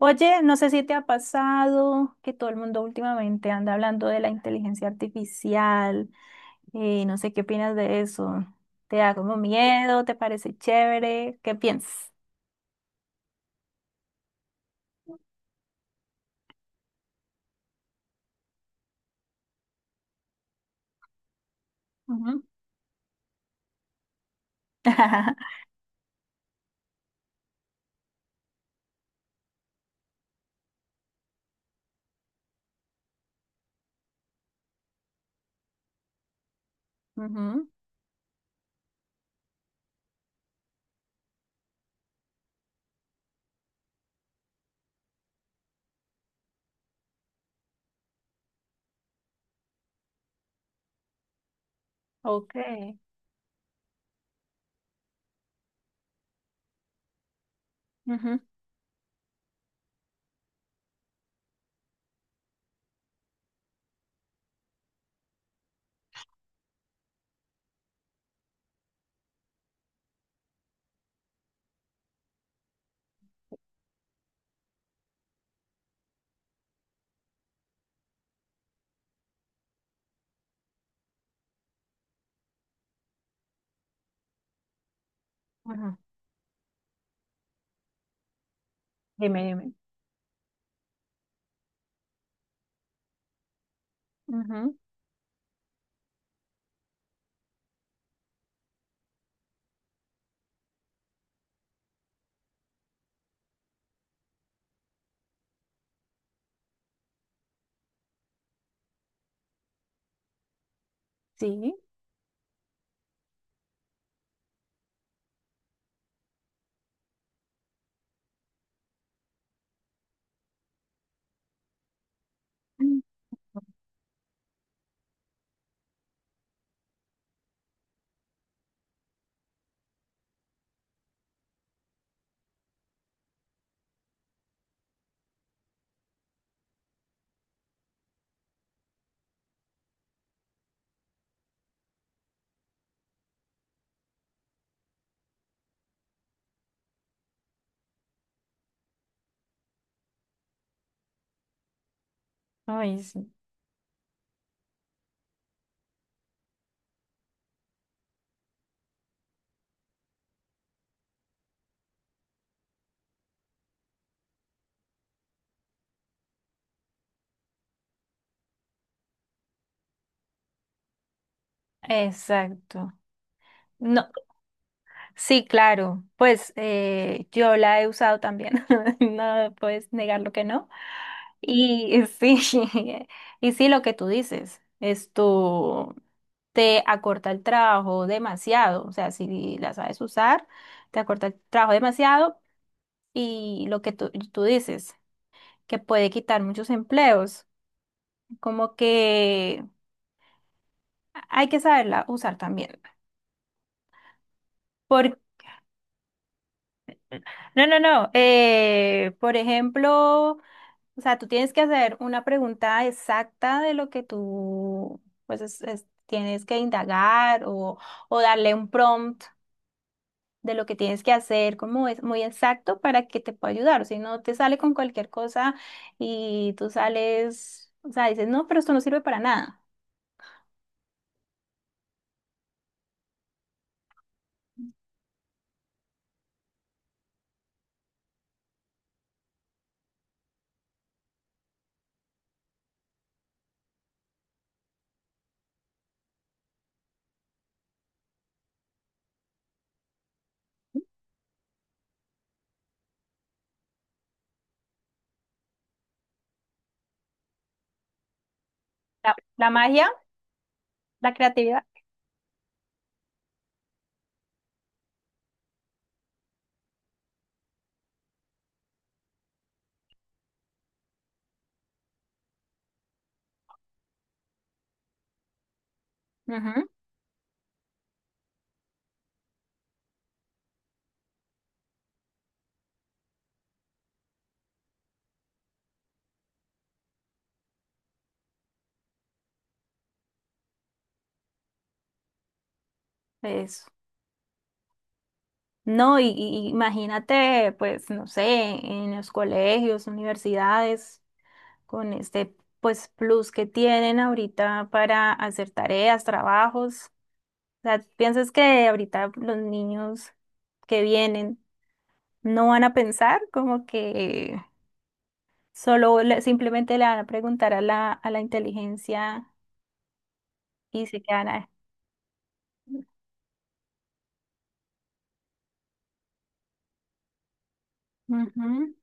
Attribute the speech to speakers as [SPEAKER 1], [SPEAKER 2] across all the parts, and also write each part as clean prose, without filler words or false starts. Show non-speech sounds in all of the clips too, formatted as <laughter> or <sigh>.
[SPEAKER 1] Oye, no sé si te ha pasado que todo el mundo últimamente anda hablando de la inteligencia artificial y no sé qué opinas de eso. ¿Te da como miedo? ¿Te parece chévere? ¿Qué piensas? Ujú. <laughs> Ujú. Ok, ujú, ujú, dime, dime. Ujú. Sí. Mm. Ay, sí. Exacto. No, sí, claro. Pues yo la he usado también. <laughs> No puedes negar lo que no. Y sí, <laughs> y sí, lo que tú dices, esto te acorta el trabajo demasiado, o sea, si la sabes usar, te acorta el trabajo demasiado y lo que tú dices, que puede quitar muchos empleos, como que hay que saberla usar también. Por, no, no, no, por ejemplo... O sea, tú tienes que hacer una pregunta exacta de lo que tú, pues, tienes que indagar o darle un prompt de lo que tienes que hacer, como es muy exacto para que te pueda ayudar. O si no, te sale con cualquier cosa y tú sales, o sea, dices, no, pero esto no sirve para nada. La magia, la creatividad. Ujú. Eso. No, y, imagínate, pues, no sé, en los colegios, universidades, con este pues plus que tienen ahorita para hacer tareas, trabajos. O sea, ¿piensas que ahorita los niños que vienen no van a pensar como que simplemente le van a preguntar a la inteligencia y se quedan ahí? Ujú.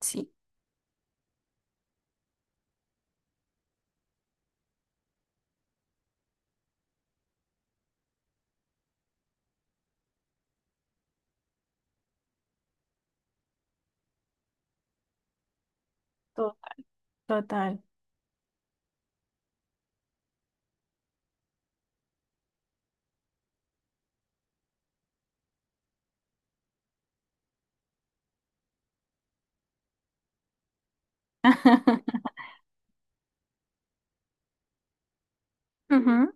[SPEAKER 1] Sí, to- total. <laughs> Ujú,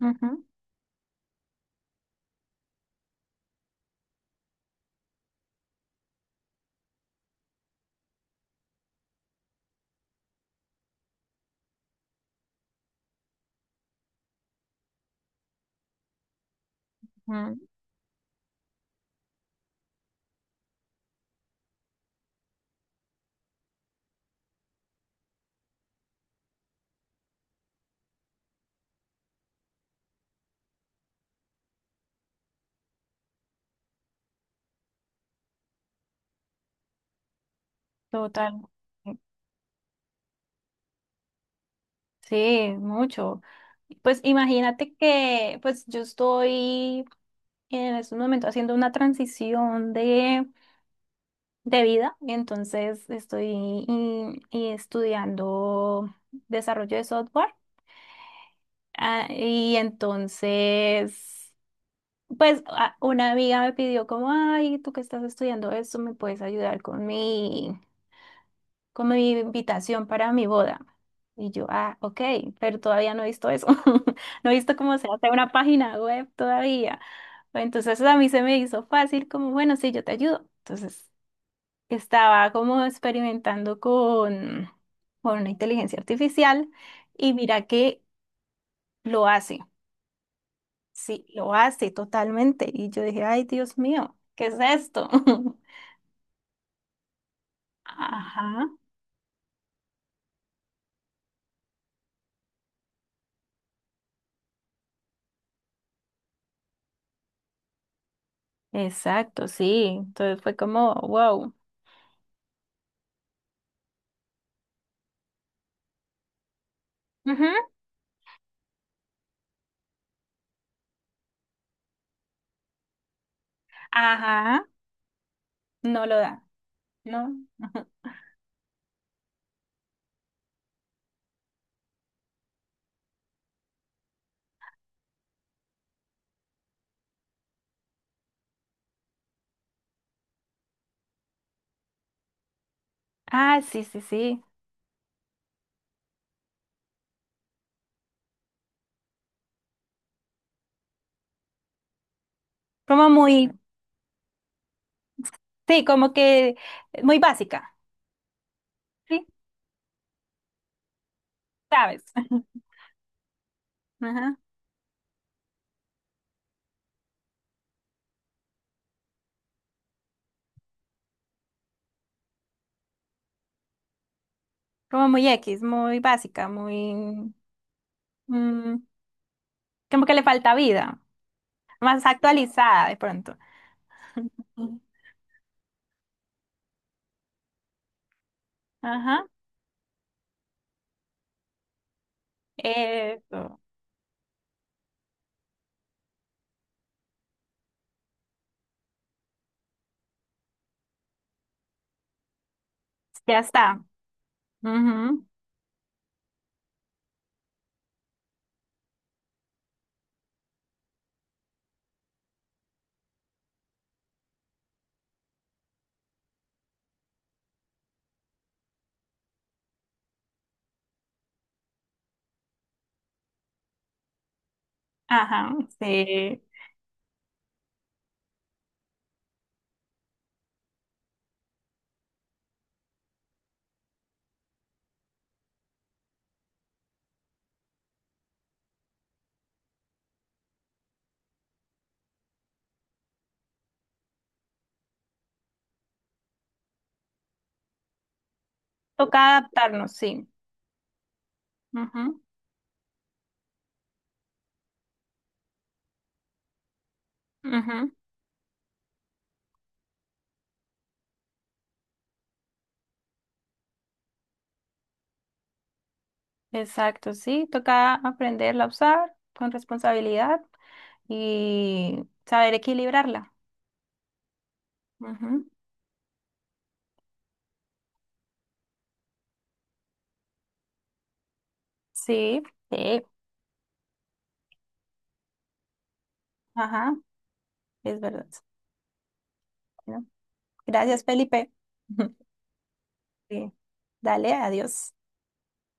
[SPEAKER 1] ujú, ujú. Total. Sí, mucho. Pues imagínate que pues yo estoy en este momento haciendo una transición de vida, entonces estoy y estudiando desarrollo de software. Ah, y entonces, pues una amiga me pidió como, ay, tú que estás estudiando esto, ¿me puedes ayudar con mi, como mi invitación para mi boda? Y yo, ah, ok, pero todavía no he visto eso. <laughs> No he visto cómo se hace una página web todavía. Entonces a mí se me hizo fácil, como, bueno, sí, yo te ayudo. Entonces estaba como experimentando con una inteligencia artificial y mira que lo hace. Sí, lo hace totalmente. Y yo dije, ay, Dios mío, ¿qué es esto? <laughs> Ajá, exacto, sí. Entonces fue como, wow. Ujú. Ajá. No lo da, ¿no? Ah, sí, sí, sí. Como muy, sí, como que muy básica, ¿sí? ¿Sabes? <laughs> Ajá. Como muy X, muy básica, muy... Mm, como que le falta vida, más actualizada de pronto. Ujú. Ajá, eso, ya está. Ujú. Ajá, sí. Toca adaptarnos, sí. Ujú, ujú. Exacto, sí. Toca aprenderla a usar con responsabilidad y saber equilibrarla. Ujú. Sí, sí, ajá, es verdad. Bueno, gracias, Felipe. <laughs> Sí. Dale, adiós.